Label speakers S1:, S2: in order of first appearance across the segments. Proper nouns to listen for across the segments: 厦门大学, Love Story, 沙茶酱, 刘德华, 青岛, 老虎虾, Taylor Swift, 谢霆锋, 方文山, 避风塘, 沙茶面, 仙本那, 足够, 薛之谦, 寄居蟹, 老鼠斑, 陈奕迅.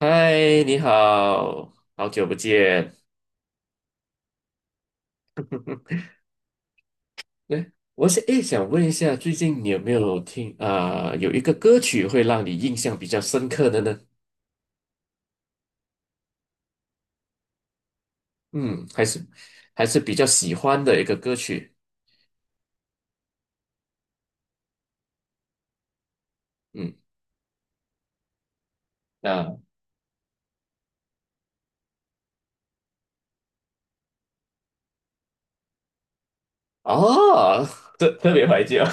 S1: 嗨，你好，好久不见。对，我想诶，想问一下，最近你有没有听啊、有一个歌曲会让你印象比较深刻的呢？嗯，还是比较喜欢的一个歌曲。嗯，啊，哦，特别怀旧。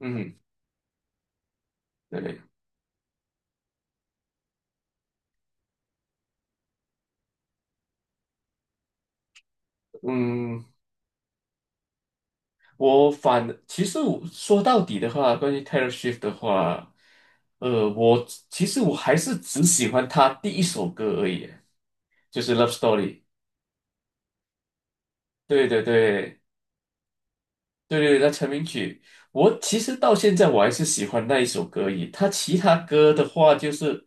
S1: 嗯，对，嗯，其实我说到底的话，关于 Taylor Swift 的话，我其实我还是只喜欢他第一首歌而已，就是《Love Story》。对对对对对，那成名曲，我其实到现在我还是喜欢那一首歌以他其他歌的话，就是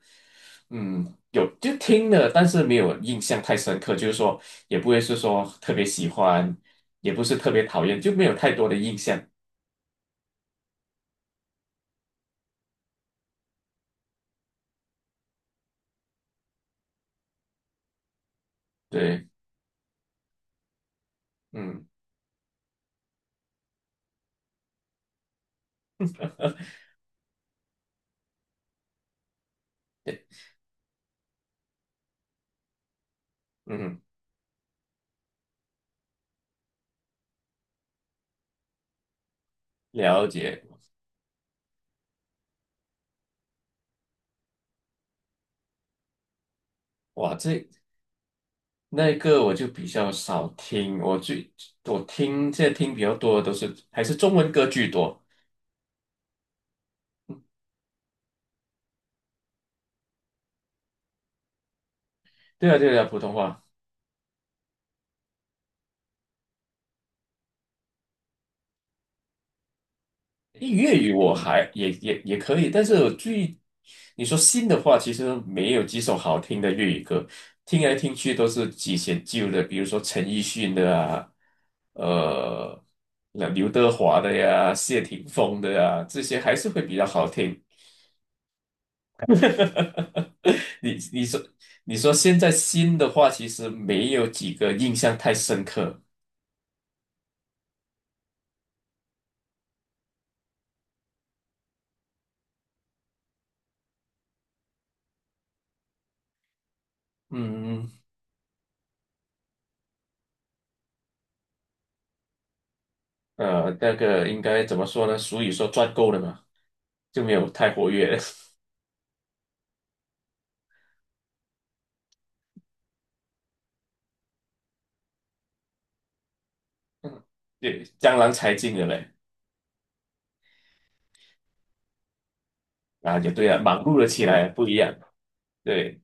S1: 有就听了，但是没有印象太深刻，就是说也不会是说特别喜欢，也不是特别讨厌，就没有太多的印象。对，嗯，对，嗯，了解。哇，这那个我就比较少听，我最我听现在听比较多的都是还是中文歌居多。对啊，对啊，普通话。粤语我还也可以，但是你说新的话，其实没有几首好听的粤语歌，听来听去都是几些旧的，比如说陈奕迅的啊，呃，那刘德华的呀，谢霆锋的呀，这些还是会比较好听。你你说你说现在新的话，其实没有几个印象太深刻。嗯，那个应该怎么说呢？俗语说赚够了嘛，就没有太活跃。嗯，对，江郎才尽了嘞，啊，也对啊，忙碌了起来，不一样。对，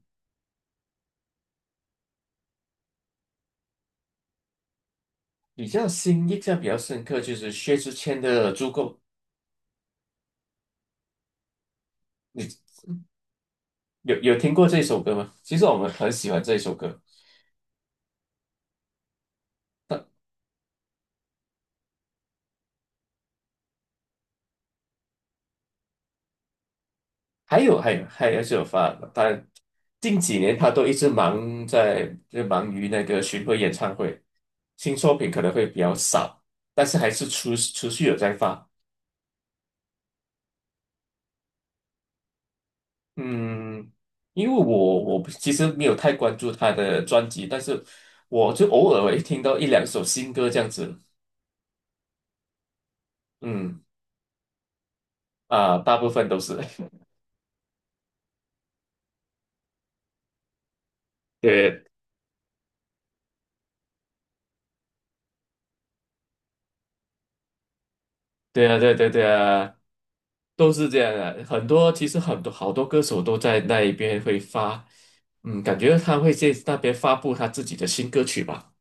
S1: 比较新印象比较深刻就是薛之谦的《足够》，你有听过这首歌吗？其实我们很喜欢这首歌。还有是有发，但近几年他都一直忙在就忙于那个巡回演唱会，新作品可能会比较少，但是还是持续有在发。嗯，因为我我不其实没有太关注他的专辑，但是我就偶尔会听到一两首新歌这样子。嗯啊，大部分都是 对对啊，对对对啊，都是这样的。其实好多歌手都在那一边会发，嗯，感觉他会在那边发布他自己的新歌曲吧。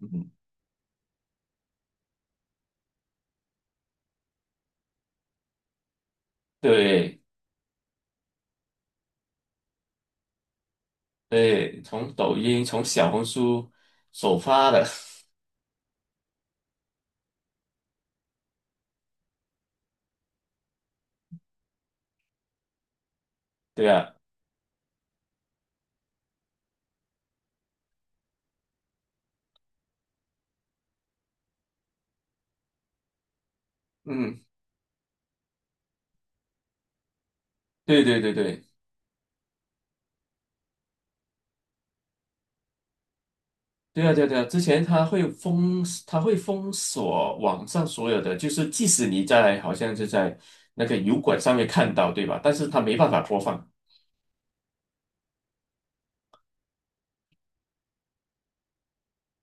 S1: 嗯，对对，从抖音从小红书首发的，对啊，嗯，对对对对。对啊，对啊，对啊，之前他会封，他会封锁网上所有的，就是即使好像是在那个油管上面看到，对吧？但是他没办法播放，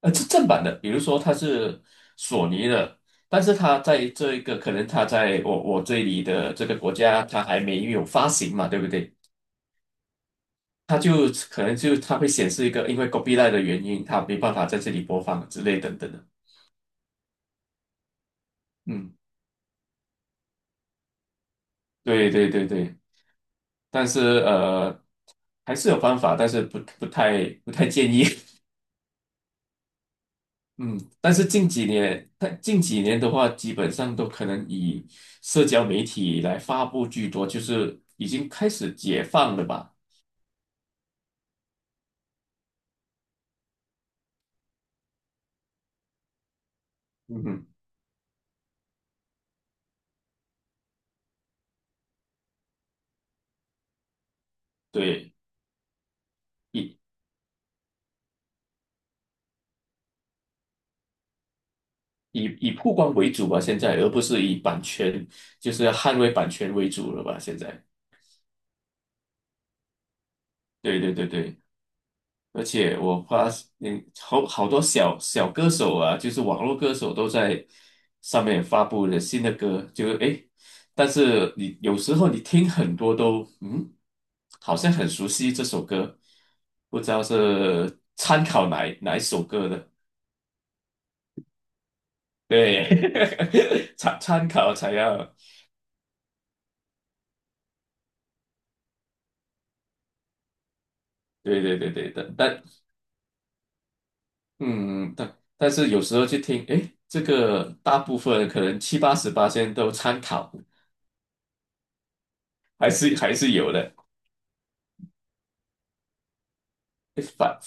S1: 是正版的，比如说它是索尼的，但是它在这一个可能它在我这里的这个国家，它还没有发行嘛，对不对？它就可能就它会显示一个因为 copyigh 的原因，它没办法在这里播放之类等等的。嗯，对对对对。但是还是有方法，但是不太建议。嗯，但近几年的话，基本上都可能以社交媒体来发布居多，就是已经开始解放了吧？嗯哼，对，以以曝光为主吧，现在，而不是以版权，就是捍卫版权为主了吧？现在，对对对对。而且我发嗯，好多小小歌手啊，就是网络歌手都在上面发布了新的歌，就是但是你有时候你听很多都好像很熟悉这首歌，不知道是参考哪一首歌的，对，参考才要，对对对对的，但是有时候去听，诶，这个大部分可能七八十八千都参考，还是还是有的。哎反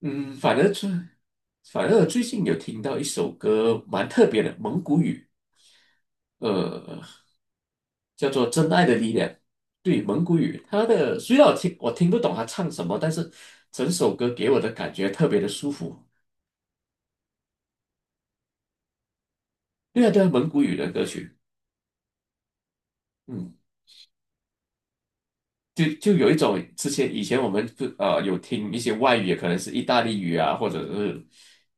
S1: 嗯，反而最反而最近有听到一首歌蛮特别的蒙古语，呃，叫做《真爱的力量》。对，蒙古语，虽然我听不懂他唱什么，但是整首歌给我的感觉特别的舒服。对啊，对啊，蒙古语的歌曲，嗯，就有一种以前我们不呃有听一些外语，可能是意大利语啊，或者是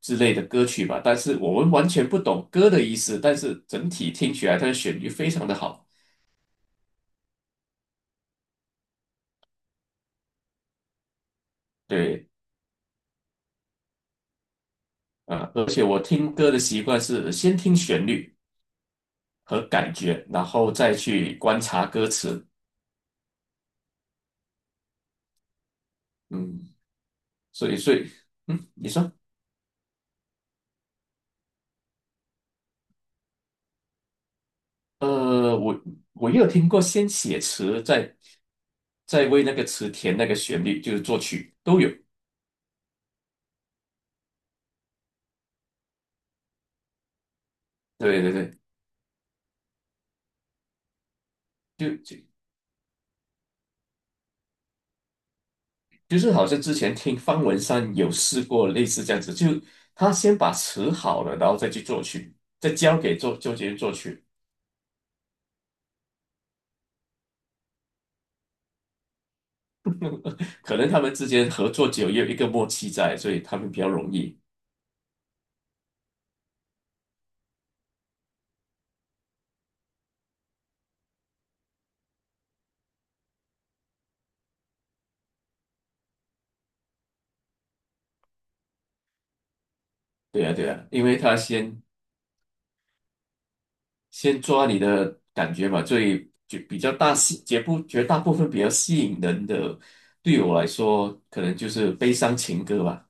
S1: 之类的歌曲吧，但是我们完全不懂歌的意思，但是整体听起来它的旋律非常的好。对，啊，而且我听歌的习惯是先听旋律和感觉，然后再去观察歌词。嗯，所以，嗯，你说，呃，我我也有听过先写词，再为那个词填那个旋律，就是作曲都有。对对对，就就就是好像之前听方文山有试过类似这样子，就他先把词好了，然后再去作曲，再交给作曲人作曲。可能他们之间合作久，也有一个默契在，所以他们比较容易。对啊，对啊，因为他先抓你的感觉嘛，所以就比较大吸，绝不绝大部分比较吸引人的，对我来说，可能就是悲伤情歌吧。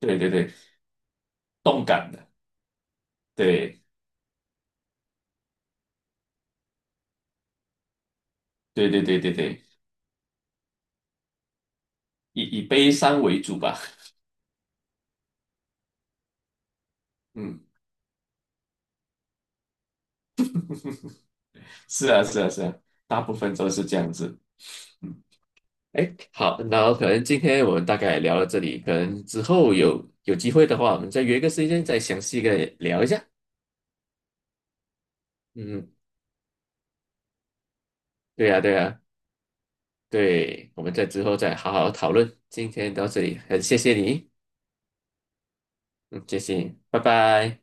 S1: 对对对，动感的，对对对对对对，以悲伤为主吧。嗯，是啊是啊是啊，大部分都是这样子。嗯。哎，好，那后可能今天我们大概聊到这里，可能之后有机会的话，我们再约个时间再详细的聊一下。嗯，对呀，对呀，对，我们在之后再好好讨论。今天到这里，很谢谢你，嗯，谢谢你，拜拜。